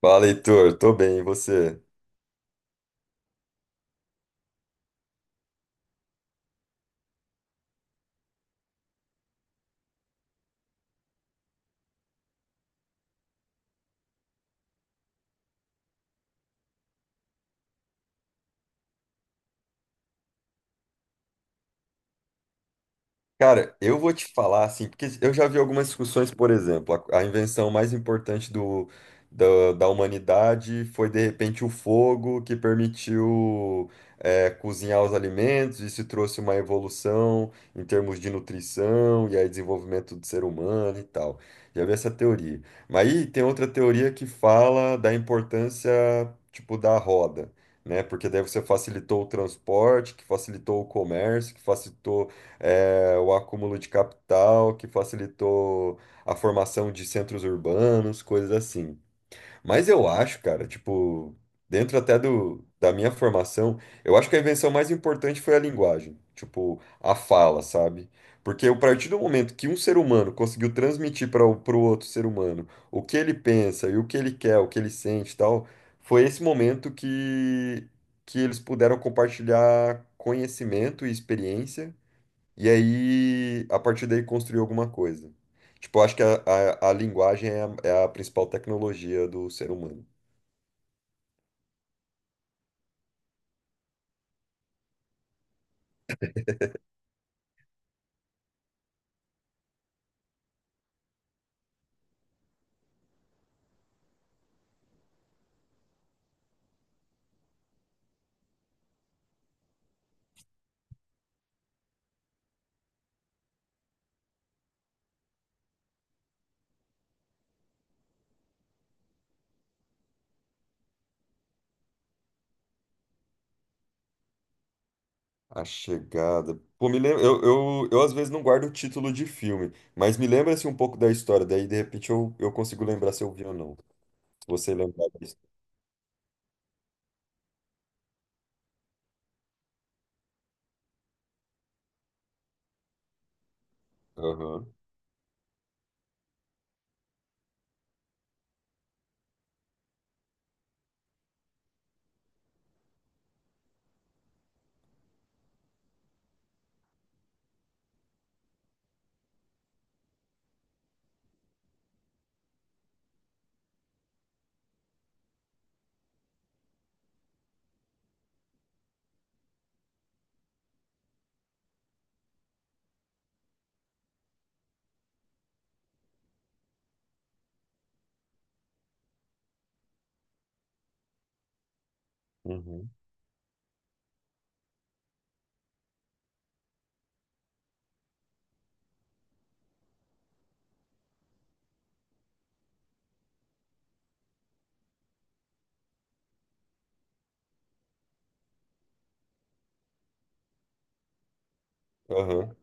Fala, Heitor. Tô bem, e você? Cara, eu vou te falar assim, porque eu já vi algumas discussões, por exemplo, a invenção mais importante do, da da humanidade foi de repente o fogo que permitiu cozinhar os alimentos, isso trouxe uma evolução em termos de nutrição e aí desenvolvimento do ser humano e tal. Já vi essa teoria. Mas aí tem outra teoria que fala da importância, tipo, da roda. Né? Porque daí você facilitou o transporte, que facilitou o comércio, que facilitou o acúmulo de capital que facilitou a formação de centros urbanos, coisas assim. Mas eu acho, cara, tipo, dentro até do, da minha formação, eu acho que a invenção mais importante foi a linguagem, tipo, a fala, sabe? Porque a partir do momento que um ser humano conseguiu transmitir para o pro outro ser humano o que ele pensa e o que ele quer, o que ele sente e tal, foi esse momento que eles puderam compartilhar conhecimento e experiência e aí, a partir daí, construir alguma coisa. Tipo, eu acho que a linguagem é é a principal tecnologia do ser humano. A chegada. Pô, me lembra. Eu às vezes não guardo o título de filme, mas me lembra assim, um pouco da história. Daí, de repente, eu consigo lembrar se eu vi ou não. Se você lembrar da história. Aham. Uhum. Aham.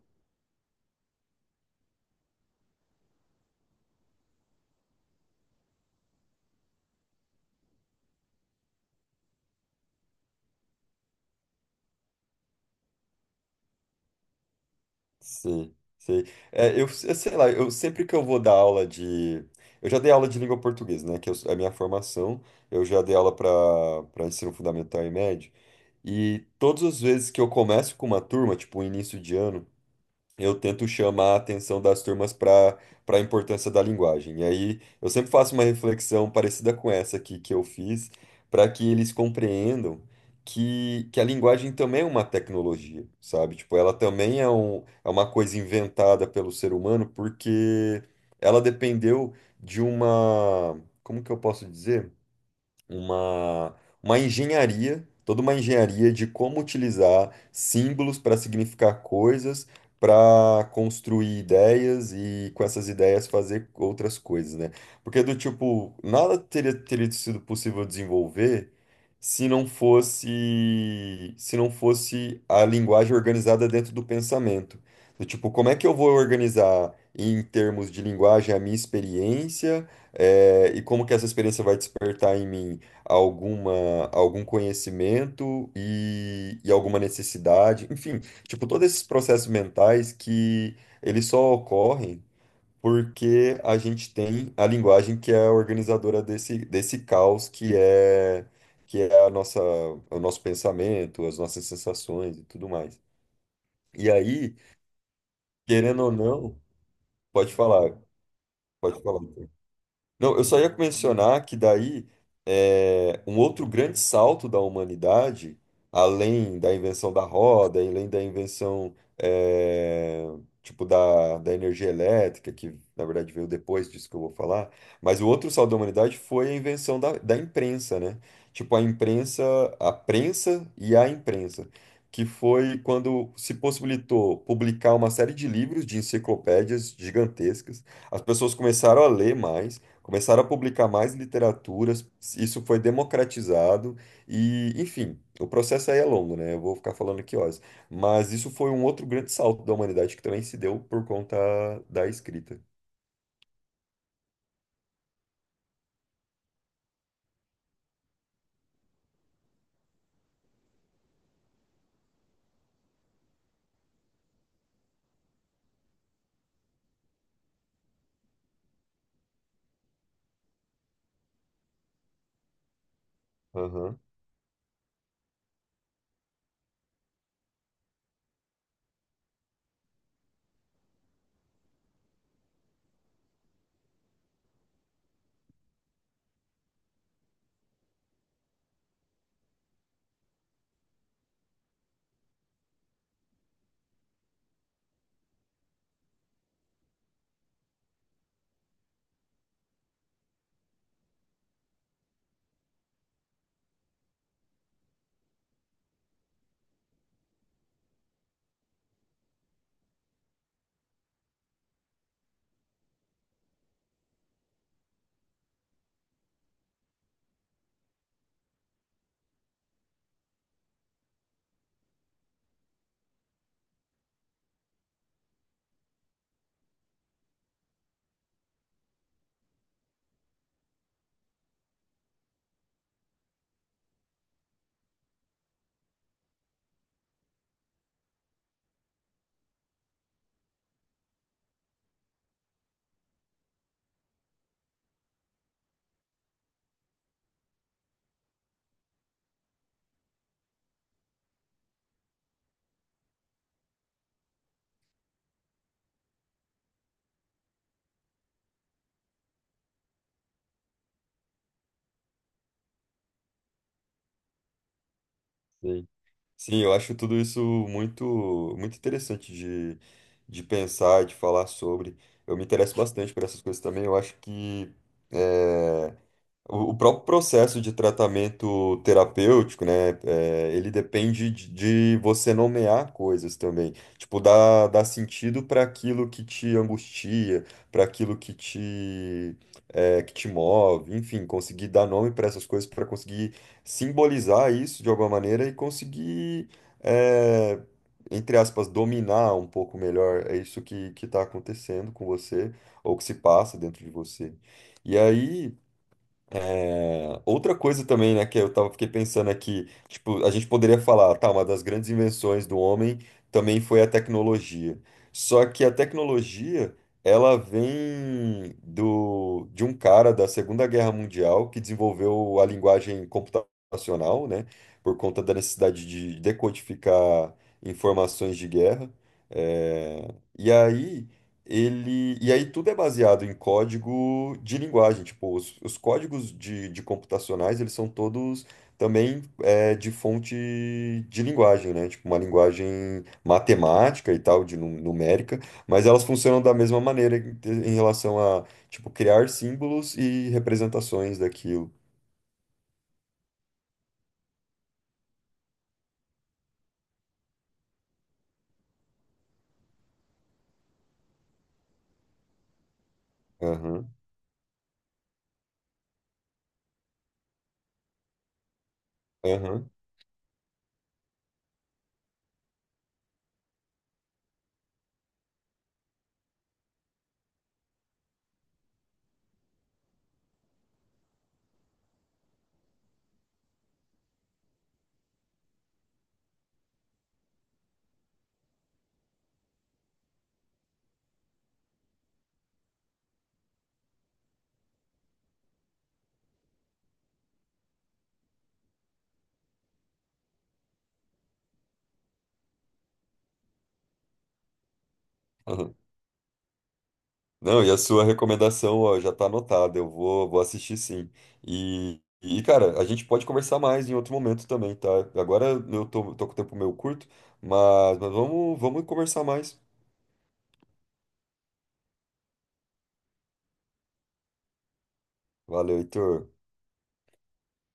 Sim, sim. É, eu sei lá, eu sempre que eu vou dar aula de. Eu já dei aula de língua portuguesa, né? Que eu- é a minha formação. Eu já dei aula para ensino fundamental e médio. E todas as vezes que eu começo com uma turma, tipo, início de ano, eu tento chamar a atenção das turmas para a importância da linguagem. E aí eu sempre faço uma reflexão parecida com essa aqui que eu fiz, para que eles compreendam que a linguagem também é uma tecnologia, sabe? Tipo, ela também é, um, é uma coisa inventada pelo ser humano porque ela dependeu de uma, como que eu posso dizer? uma, uma engenharia, toda uma engenharia de como utilizar símbolos para significar coisas, para construir ideias e com essas ideias fazer outras coisas, né? Porque do tipo, nada teria, teria sido possível desenvolver se não fosse a linguagem organizada dentro do pensamento. Do tipo, como é que eu vou organizar em termos de linguagem a minha experiência, e como que essa experiência vai despertar em mim alguma, algum conhecimento e alguma necessidade. Enfim, tipo, todos esses processos mentais que eles só ocorrem porque a gente tem a linguagem que é a organizadora desse caos que é a nossa, o nosso pensamento, as nossas sensações e tudo mais. E aí, querendo ou não, pode falar, pode falar. Então. Não, eu só ia mencionar que daí é, um outro grande salto da humanidade, além da invenção da roda, além da invenção é, tipo da energia elétrica, que na verdade veio depois disso que eu vou falar, mas o outro salto da humanidade foi a invenção da imprensa, né? Tipo a imprensa, a prensa e a imprensa, que foi quando se possibilitou publicar uma série de livros, de enciclopédias gigantescas. As pessoas começaram a ler mais. Começaram a publicar mais literaturas, isso foi democratizado e, enfim, o processo aí é longo, né? Eu vou ficar falando aqui horas. Mas isso foi um outro grande salto da humanidade que também se deu por conta da escrita. Aham, sim. Sim, eu acho tudo isso muito, muito interessante de pensar, de falar sobre. Eu me interesso bastante por essas coisas também. Eu acho que eh, o próprio processo de tratamento terapêutico, né, é, ele depende de você nomear coisas também. Tipo, dar, dar sentido para aquilo que te angustia, para aquilo que te, é, que te move, enfim, conseguir dar nome para essas coisas, para conseguir simbolizar isso de alguma maneira e conseguir, é, entre aspas, dominar um pouco melhor é isso que está acontecendo com você ou que se passa dentro de você. E aí. É, outra coisa também, né, que eu tava, fiquei pensando aqui, tipo, a gente poderia falar, tá, uma das grandes invenções do homem também foi a tecnologia. Só que a tecnologia, ela vem do, de um cara da Segunda Guerra Mundial que desenvolveu a linguagem computacional, né, por conta da necessidade de decodificar informações de guerra. É, e aí ele, e aí tudo é baseado em código de linguagem, tipo, os códigos de computacionais, eles são todos também é, de fonte de linguagem, né? Tipo, uma linguagem matemática e tal, de nu- numérica, mas elas funcionam da mesma maneira em, em relação a, tipo, criar símbolos e representações daquilo. Aham, aham, aham. Não, e a sua recomendação, ó, já tá anotada. Eu vou, vou assistir sim. E, cara, a gente pode conversar mais em outro momento também, tá? Agora eu tô, tô com o tempo meio curto, mas vamos, vamos conversar mais. Valeu, Heitor.